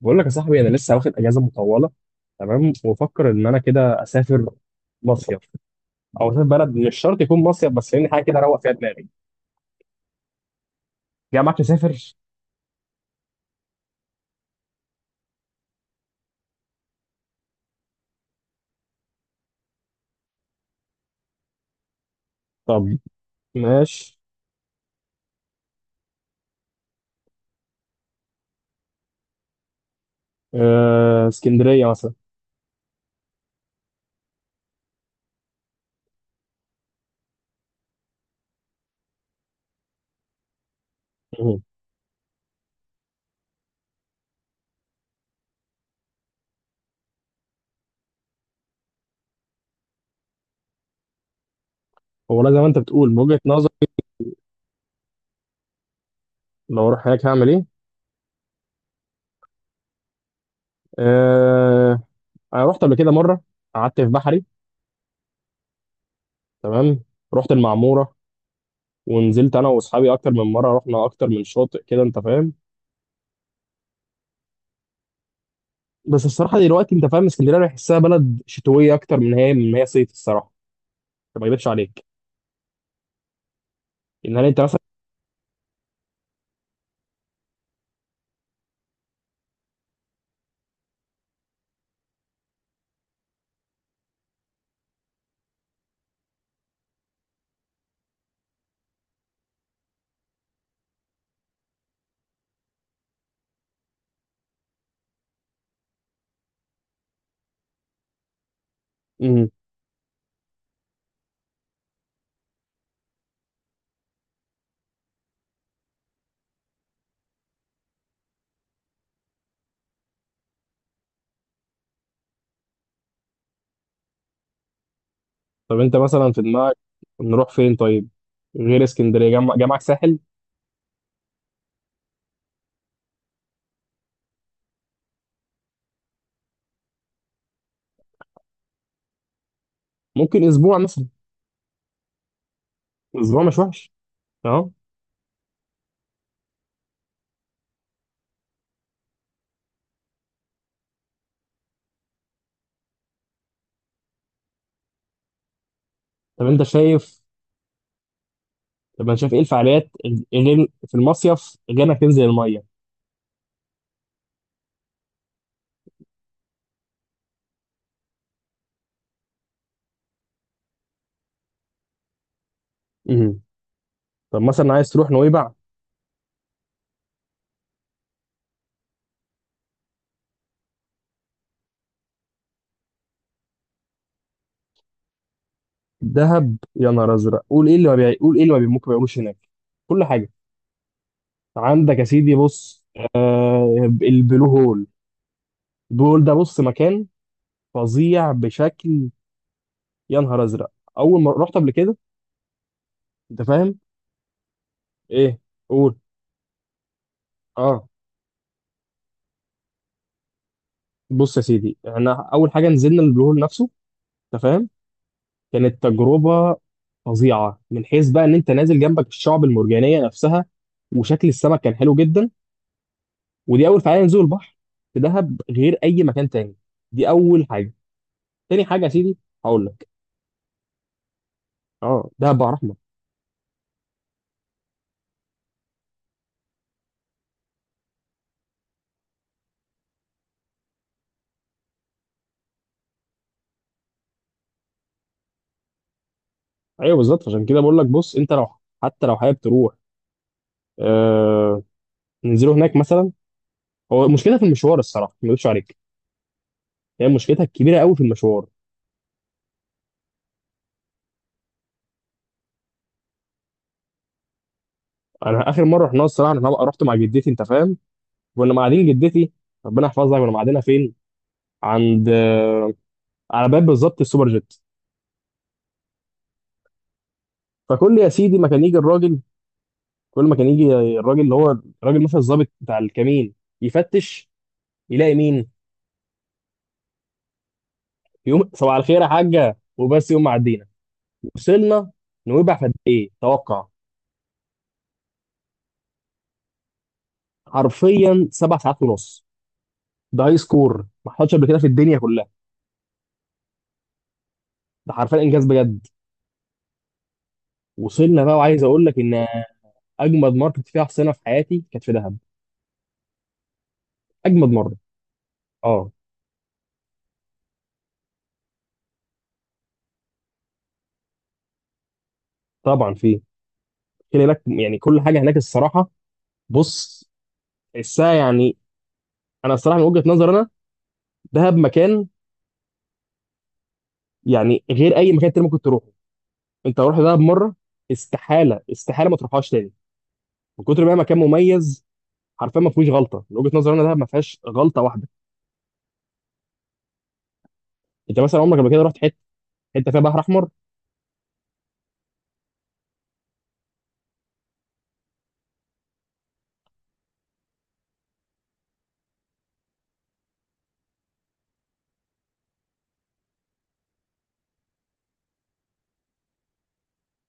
بقول لك يا صاحبي، انا لسه واخد اجازه مطوله. تمام، وبفكر ان انا كده اسافر مصيف، او اسافر بلد، مش شرط يكون مصيف، بس يعني حاجه كده اروق فيها دماغي. جاي معاك تسافر؟ طب ماشي. اسكندريه مثلا. مهم. هو لا، زي ما انت بتقول، من وجهه نظر. لو اروح هناك هعمل ايه؟ أه انا رحت قبل كده مره، قعدت في بحري. تمام. رحت المعموره ونزلت انا واصحابي اكتر من مره، رحنا اكتر من شاطئ كده، انت فاهم. بس الصراحه دلوقتي، انت فاهم، اسكندريه أنا بحسها بلد شتويه اكتر من هي صيف الصراحه. طب ما اكذبش عليك، ان هل انت مثلا. امم طب انت مثلا في دماغك نروح فين طيب، غير اسكندريه؟ جمع جمعك ساحل. ممكن اسبوع مثلا. اسبوع مش وحش. اه. طب انت شايف طب انت شايف ايه الفعاليات غير في المصيف، غير انك تنزل الميه؟ امم طب مثلا عايز تروح نويبع؟ دهب يا نهار ازرق. قول ايه اللي ما بيع... قول ايه اللي ما بي... ممكن ما بيعملوش هناك؟ كل حاجه عندك يا سيدي. بص، البلو هول، بيقول ده، بص، مكان فظيع بشكل، يا نهار ازرق. اول ما رحت قبل كده، انت فاهم. ايه؟ قول. اه. بص يا سيدي، احنا اول حاجه نزلنا البلو هول نفسه، انت فاهم. كانت تجربه فظيعه، من حيث بقى ان انت نازل جنبك الشعب المرجانيه نفسها، وشكل السمك كان حلو جدا. ودي اول فعاليه، نزول البحر في دهب غير اي مكان تاني. دي اول حاجه. تاني حاجه يا سيدي، هقول لك. اه، دهب بقى رحمه. ايوه بالظبط، عشان كده بقول لك، بص، انت لو حتى لو حابب تروح، آه، ننزله هناك مثلا. هو المشكله في المشوار، الصراحه ما اكذبش عليك، هي مشكلتها الكبيره قوي في المشوار. انا اخر مره رحنا، الصراحه انا رحت مع جدتي، انت فاهم. كنا قاعدين جدتي، ربنا يحفظها، كنا قاعدينها فين؟ عند على باب بالظبط السوبر جيت. فكل يا سيدي ما كان يجي الراجل كل ما كان يجي الراجل اللي هو الراجل، مثلا الظابط بتاع الكمين، يفتش، يلاقي مين؟ يقوم صباح الخير يا حاجه، وبس، يقوم معدينا. وصلنا نويبع في قد ايه، توقع؟ حرفيا سبع ساعات ونص. ده هاي سكور ما حصلش قبل كده في الدنيا كلها. ده حرفيا انجاز بجد. وصلنا بقى، وعايز اقول لك ان اجمد مره كنت فيها حصينه في حياتي كانت في دهب. اجمد مره اه طبعا في كل هناك يعني كل حاجه هناك الصراحه. بص، الساعه يعني، انا الصراحه من وجهه نظر انا، دهب مكان يعني غير اي مكان تاني ممكن تروحه. انت لو رحت دهب مره، استحاله استحاله ما تروحهاش تاني، من كتر ما هي مكان مميز. حرفيا ما فيهوش غلطه، من وجهه نظر انا دهب ما فيهاش غلطه واحده. انت مثلا عمرك قبل كده رحت حته فيها بحر احمر؟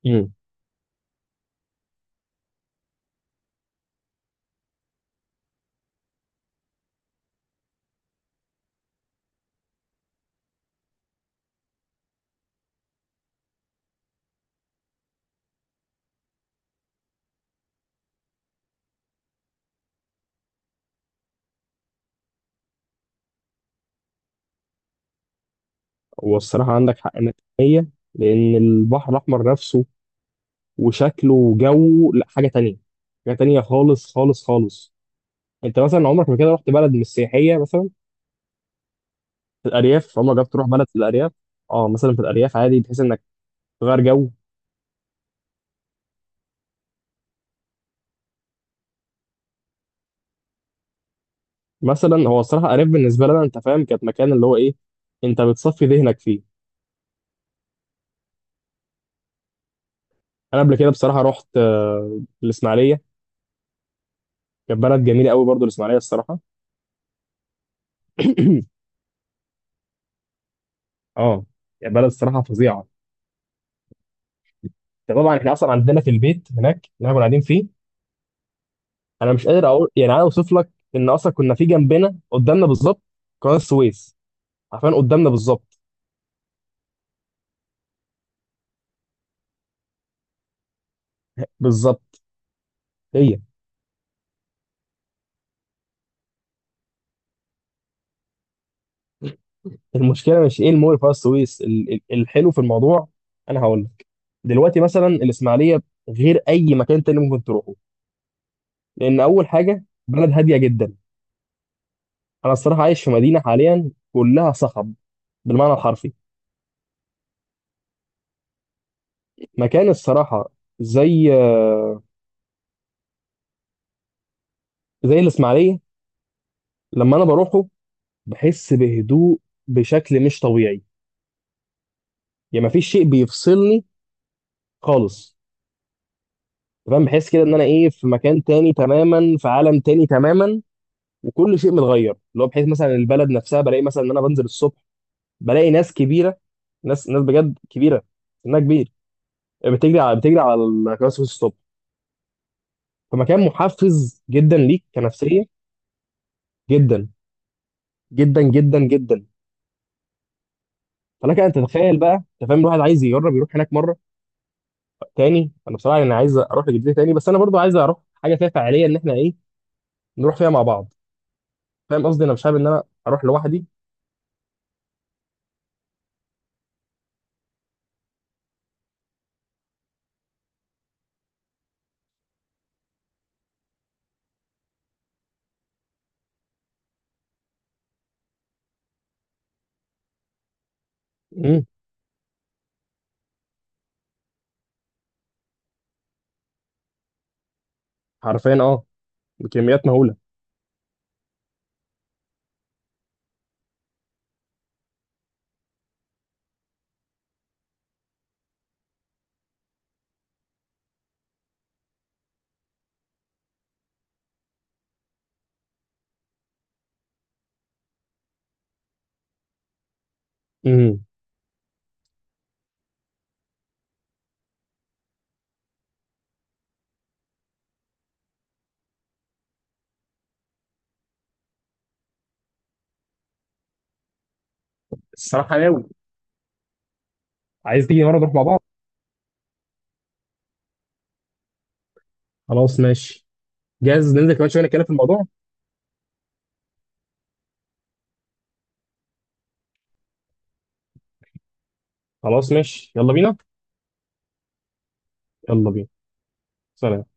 امم والصراحه عندك حق 100%، لان البحر الاحمر نفسه وشكله وجوه لا حاجه تانية. حاجه تانية خالص خالص خالص. انت مثلا عمرك ما كده رحت بلد مش سياحيه مثلا، في الارياف؟ عمرك جربت تروح بلد في الارياف؟ اه مثلا في الارياف عادي، بحيث انك تغير جو. مثلا هو الصراحه الارياف بالنسبه لنا، انت فاهم، كانت مكان اللي هو ايه، انت بتصفي ذهنك فيه. انا قبل كده بصراحه رحت الاسماعيليه. كانت بلد جميله قوي برضو الاسماعيليه الصراحه. اه، يعني بلد الصراحه فظيعه. طبعا احنا اصلا عندنا في البيت هناك اللي احنا كنا قاعدين فيه. انا مش قادر اقول، يعني انا اوصف لك، ان اصلا كنا في جنبنا قدامنا بالظبط قناه السويس. عارفين قدامنا بالظبط هي. المشكله مش ايه المول في قناه السويس، الحلو في الموضوع انا هقول لك. دلوقتي مثلا الاسماعيليه غير اي مكان تاني ممكن تروحه. لان اول حاجه، بلد هاديه جدا. انا الصراحه عايش في مدينه حاليا كلها صخب بالمعنى الحرفي. مكان الصراحه زي الاسماعيليه، لما انا بروحه بحس بهدوء بشكل مش طبيعي. يا مفيش شيء بيفصلني خالص. تمام، بحس كده ان انا ايه، في مكان تاني تماما، في عالم تاني تماما، وكل شيء متغير، اللي هو بحيث مثلا البلد نفسها بلاقي مثلا ان انا بنزل الصبح، بلاقي ناس كبيره، ناس بجد كبيره، سنها كبير، بتجري على الكراسي الصبح. فمكان محفز جدا ليك كنفسيه، جدا جدا جدا جدا. فلك ان تتخيل بقى، انت فاهم، الواحد عايز يجرب يروح هناك مره تاني. انا بصراحه انا عايز اروح لجدتي تاني، بس انا برضو عايز اروح حاجه فيها فعاليه، ان احنا ايه، نروح فيها مع بعض. فاهم قصدي، انا مش حابب ان انا اروح لوحدي. امم. حرفيا اه، بكميات مهوله. امم الصراحه ناوي. عايز تيجي مره نروح مع بعض؟ خلاص ماشي، جاهز. ننزل كمان شويه نتكلم في الموضوع. خلاص ماشي، يلا بينا. يلا بينا. سلام.